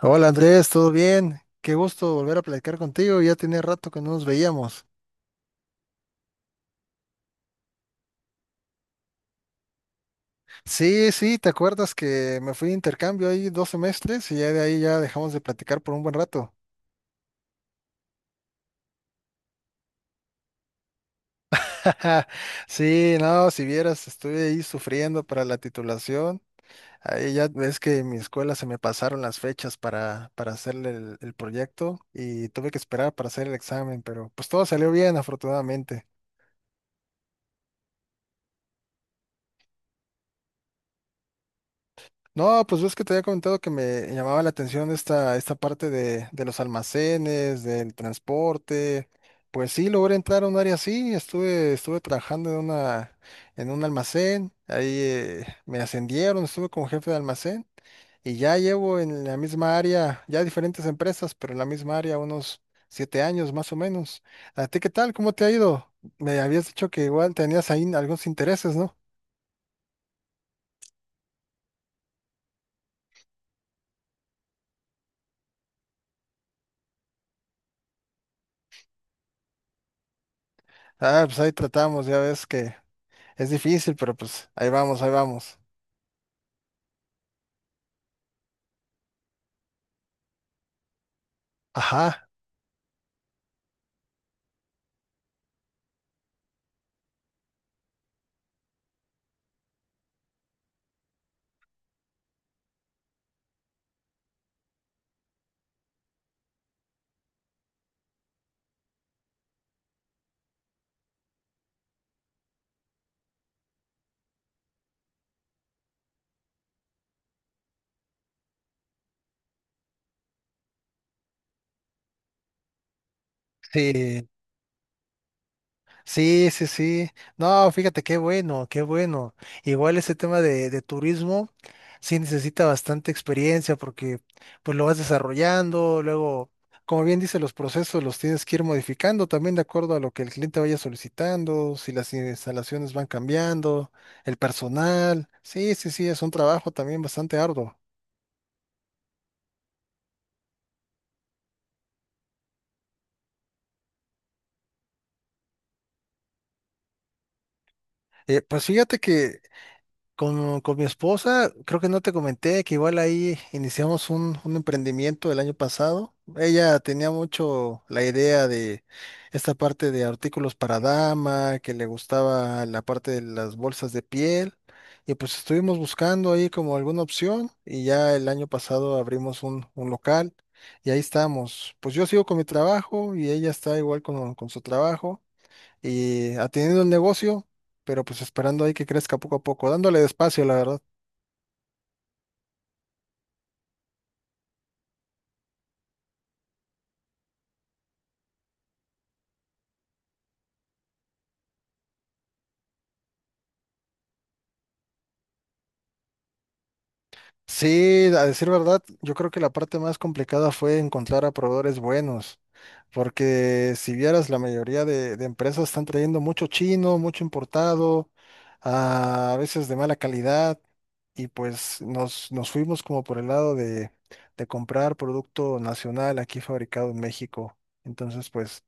Hola Andrés, ¿todo bien? Qué gusto volver a platicar contigo, ya tenía rato que no nos veíamos. Sí, sí, ¿te acuerdas que me fui de intercambio ahí 2 semestres y ya de ahí ya dejamos de platicar por un buen rato? Sí, no, si vieras, estuve ahí sufriendo para la titulación. Ahí ya ves que en mi escuela se me pasaron las fechas para hacer el proyecto y tuve que esperar para hacer el examen, pero pues todo salió bien, afortunadamente. No, pues ves que te había comentado que me llamaba la atención esta parte de los almacenes, del transporte. Pues sí, logré entrar a un área así, estuve trabajando en un almacén, ahí me ascendieron, estuve como jefe de almacén y ya llevo en la misma área, ya diferentes empresas, pero en la misma área unos 7 años más o menos. ¿A ti qué tal? ¿Cómo te ha ido? Me habías dicho que igual tenías ahí algunos intereses, ¿no? Ah, pues ahí tratamos, ya ves que es difícil, pero pues ahí vamos, ahí vamos. Ajá, sí, sí, sí, sí. No, fíjate, qué bueno, qué bueno. Igual ese tema de turismo sí necesita bastante experiencia porque pues lo vas desarrollando, luego, como bien dice, los procesos los tienes que ir modificando también de acuerdo a lo que el cliente vaya solicitando, si las instalaciones van cambiando, el personal. Sí, sí, sí, es un trabajo también bastante arduo. Pues fíjate que con mi esposa, creo que no te comenté que igual ahí iniciamos un emprendimiento el año pasado. Ella tenía mucho la idea de esta parte de artículos para dama, que le gustaba la parte de las bolsas de piel. Y pues estuvimos buscando ahí como alguna opción y ya el año pasado abrimos un local y ahí estamos. Pues yo sigo con mi trabajo y ella está igual con su trabajo y atendiendo el negocio, pero pues esperando ahí que crezca poco a poco, dándole despacio, la verdad. Sí, a decir verdad, yo creo que la parte más complicada fue encontrar a proveedores buenos, porque si vieras, la mayoría de empresas están trayendo mucho chino, mucho importado, a veces de mala calidad, y pues nos fuimos como por el lado de comprar producto nacional aquí fabricado en México. Entonces, pues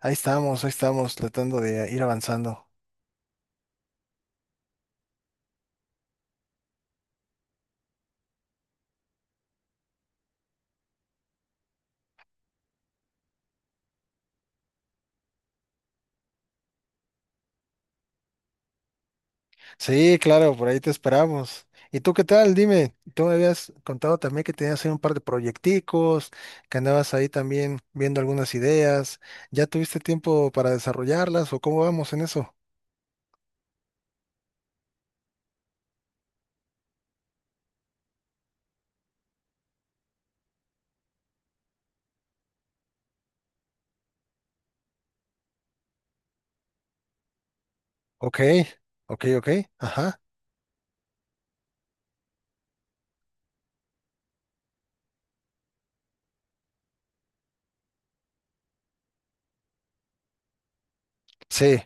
ahí estamos tratando de ir avanzando. Sí, claro, por ahí te esperamos. ¿Y tú qué tal? Dime, tú me habías contado también que tenías ahí un par de proyecticos, que andabas ahí también viendo algunas ideas. ¿Ya tuviste tiempo para desarrollarlas o cómo vamos en eso? Ok, ok, ok, ajá, sí.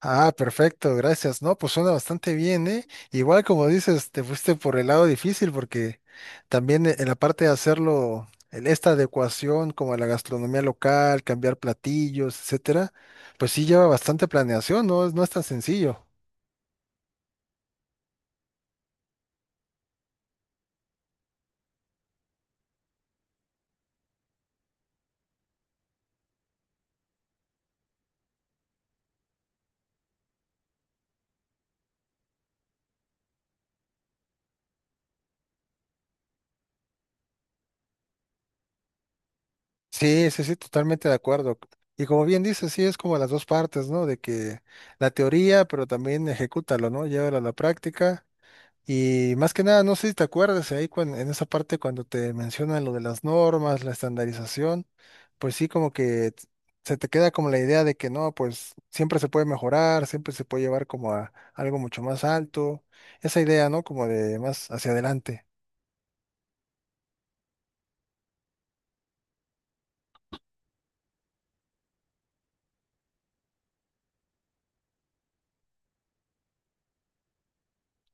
Ah, perfecto, gracias. No, pues suena bastante bien, ¿eh? Igual como dices, te fuiste por el lado difícil porque también en la parte de hacerlo, en esta adecuación como a la gastronomía local, cambiar platillos, etcétera, pues sí lleva bastante planeación, ¿no? No es tan sencillo. Sí, sí, sí, totalmente de acuerdo. Y como bien dices, sí, es como las dos partes, ¿no? De que la teoría, pero también ejecútalo, ¿no? Llévalo a la práctica. Y más que nada, no sé si te acuerdas ahí en esa parte cuando te mencionan lo de las normas, la estandarización, pues sí, como que se te queda como la idea de que no, pues siempre se puede mejorar, siempre se puede llevar como a algo mucho más alto. Esa idea, ¿no? Como de más hacia adelante.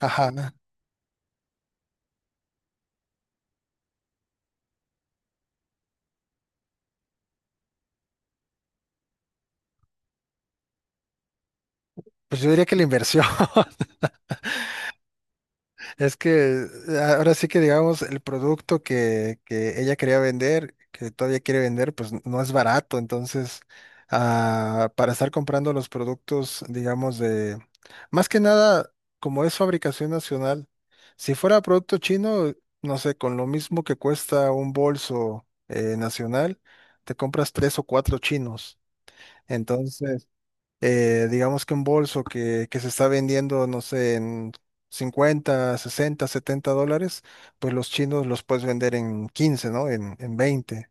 Ajá. Pues yo diría que la inversión. Es que ahora sí que digamos, el producto que ella quería vender, que todavía quiere vender, pues no es barato. Entonces, para estar comprando los productos, digamos, de, más que nada, como es fabricación nacional, si fuera producto chino, no sé, con lo mismo que cuesta un bolso nacional, te compras tres o cuatro chinos. Entonces, digamos que un bolso que se está vendiendo, no sé, en 50 60 $70, pues los chinos los puedes vender en 15, ¿no? En 20.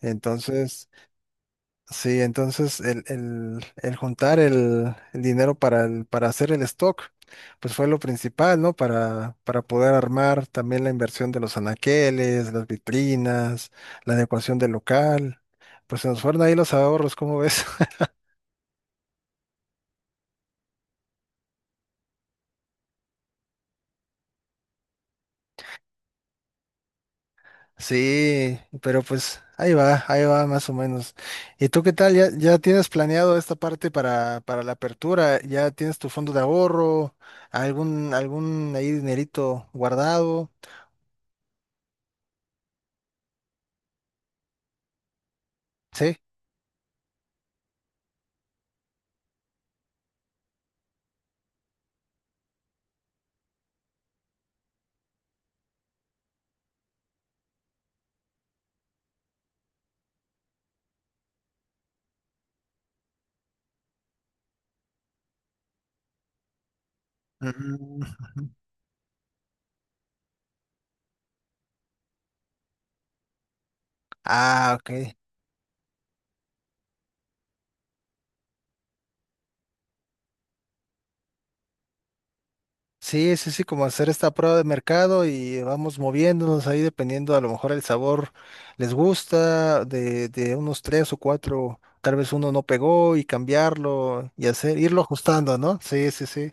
Entonces, sí, entonces el, el juntar el dinero para hacer el stock, pues fue lo principal, ¿no? Para poder armar también la inversión de los anaqueles, las vitrinas, la adecuación del local. Pues se nos fueron ahí los ahorros, ¿cómo ves? Sí, pero pues ahí va más o menos. ¿Y tú qué tal? ¿Ya tienes planeado esta parte para la apertura? ¿Ya tienes tu fondo de ahorro? ¿Algún ahí dinerito guardado? Sí. Mm, ujú. Ah, ok. Sí, sí, sí, como hacer esta prueba de mercado y vamos moviéndonos ahí dependiendo, a lo mejor el sabor les gusta, de unos tres o cuatro, tal vez uno no pegó y cambiarlo y hacer, irlo ajustando, ¿no? Sí, sí, sí.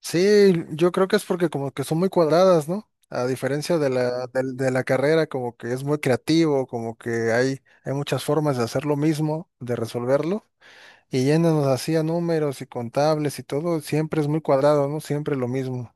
Sí, yo creo que es porque como que son muy cuadradas, ¿no? A diferencia de la, Mm. del- de la carrera, como que es muy creativo, como que hay muchas formas de hacer lo mismo, de resolverlo, y yéndonos así a números y contables y todo, siempre es muy cuadrado, ¿no? Siempre lo mismo.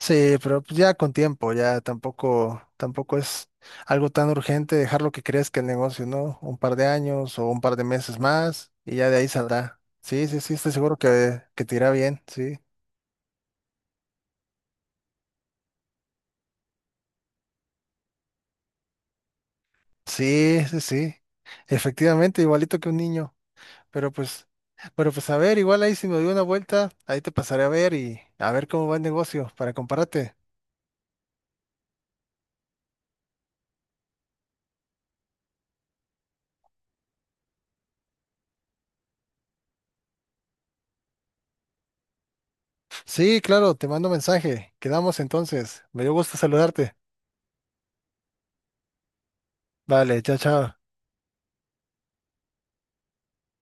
Sí, pero pues ya con tiempo, ya, tampoco es algo tan urgente dejar lo que crezca el negocio, ¿no? Un par de años o un par de meses más, y ya de ahí saldrá. Sí, sí, sí, estoy seguro que te irá bien, sí. Sí, sí, sí. Efectivamente, igualito que un niño. Pero pues, pero pues a ver, igual ahí si me doy una vuelta, ahí te pasaré a ver y a ver cómo va el negocio para compararte. Sí, claro, te mando mensaje. Quedamos entonces. Me dio gusto saludarte. Vale, chao, chao.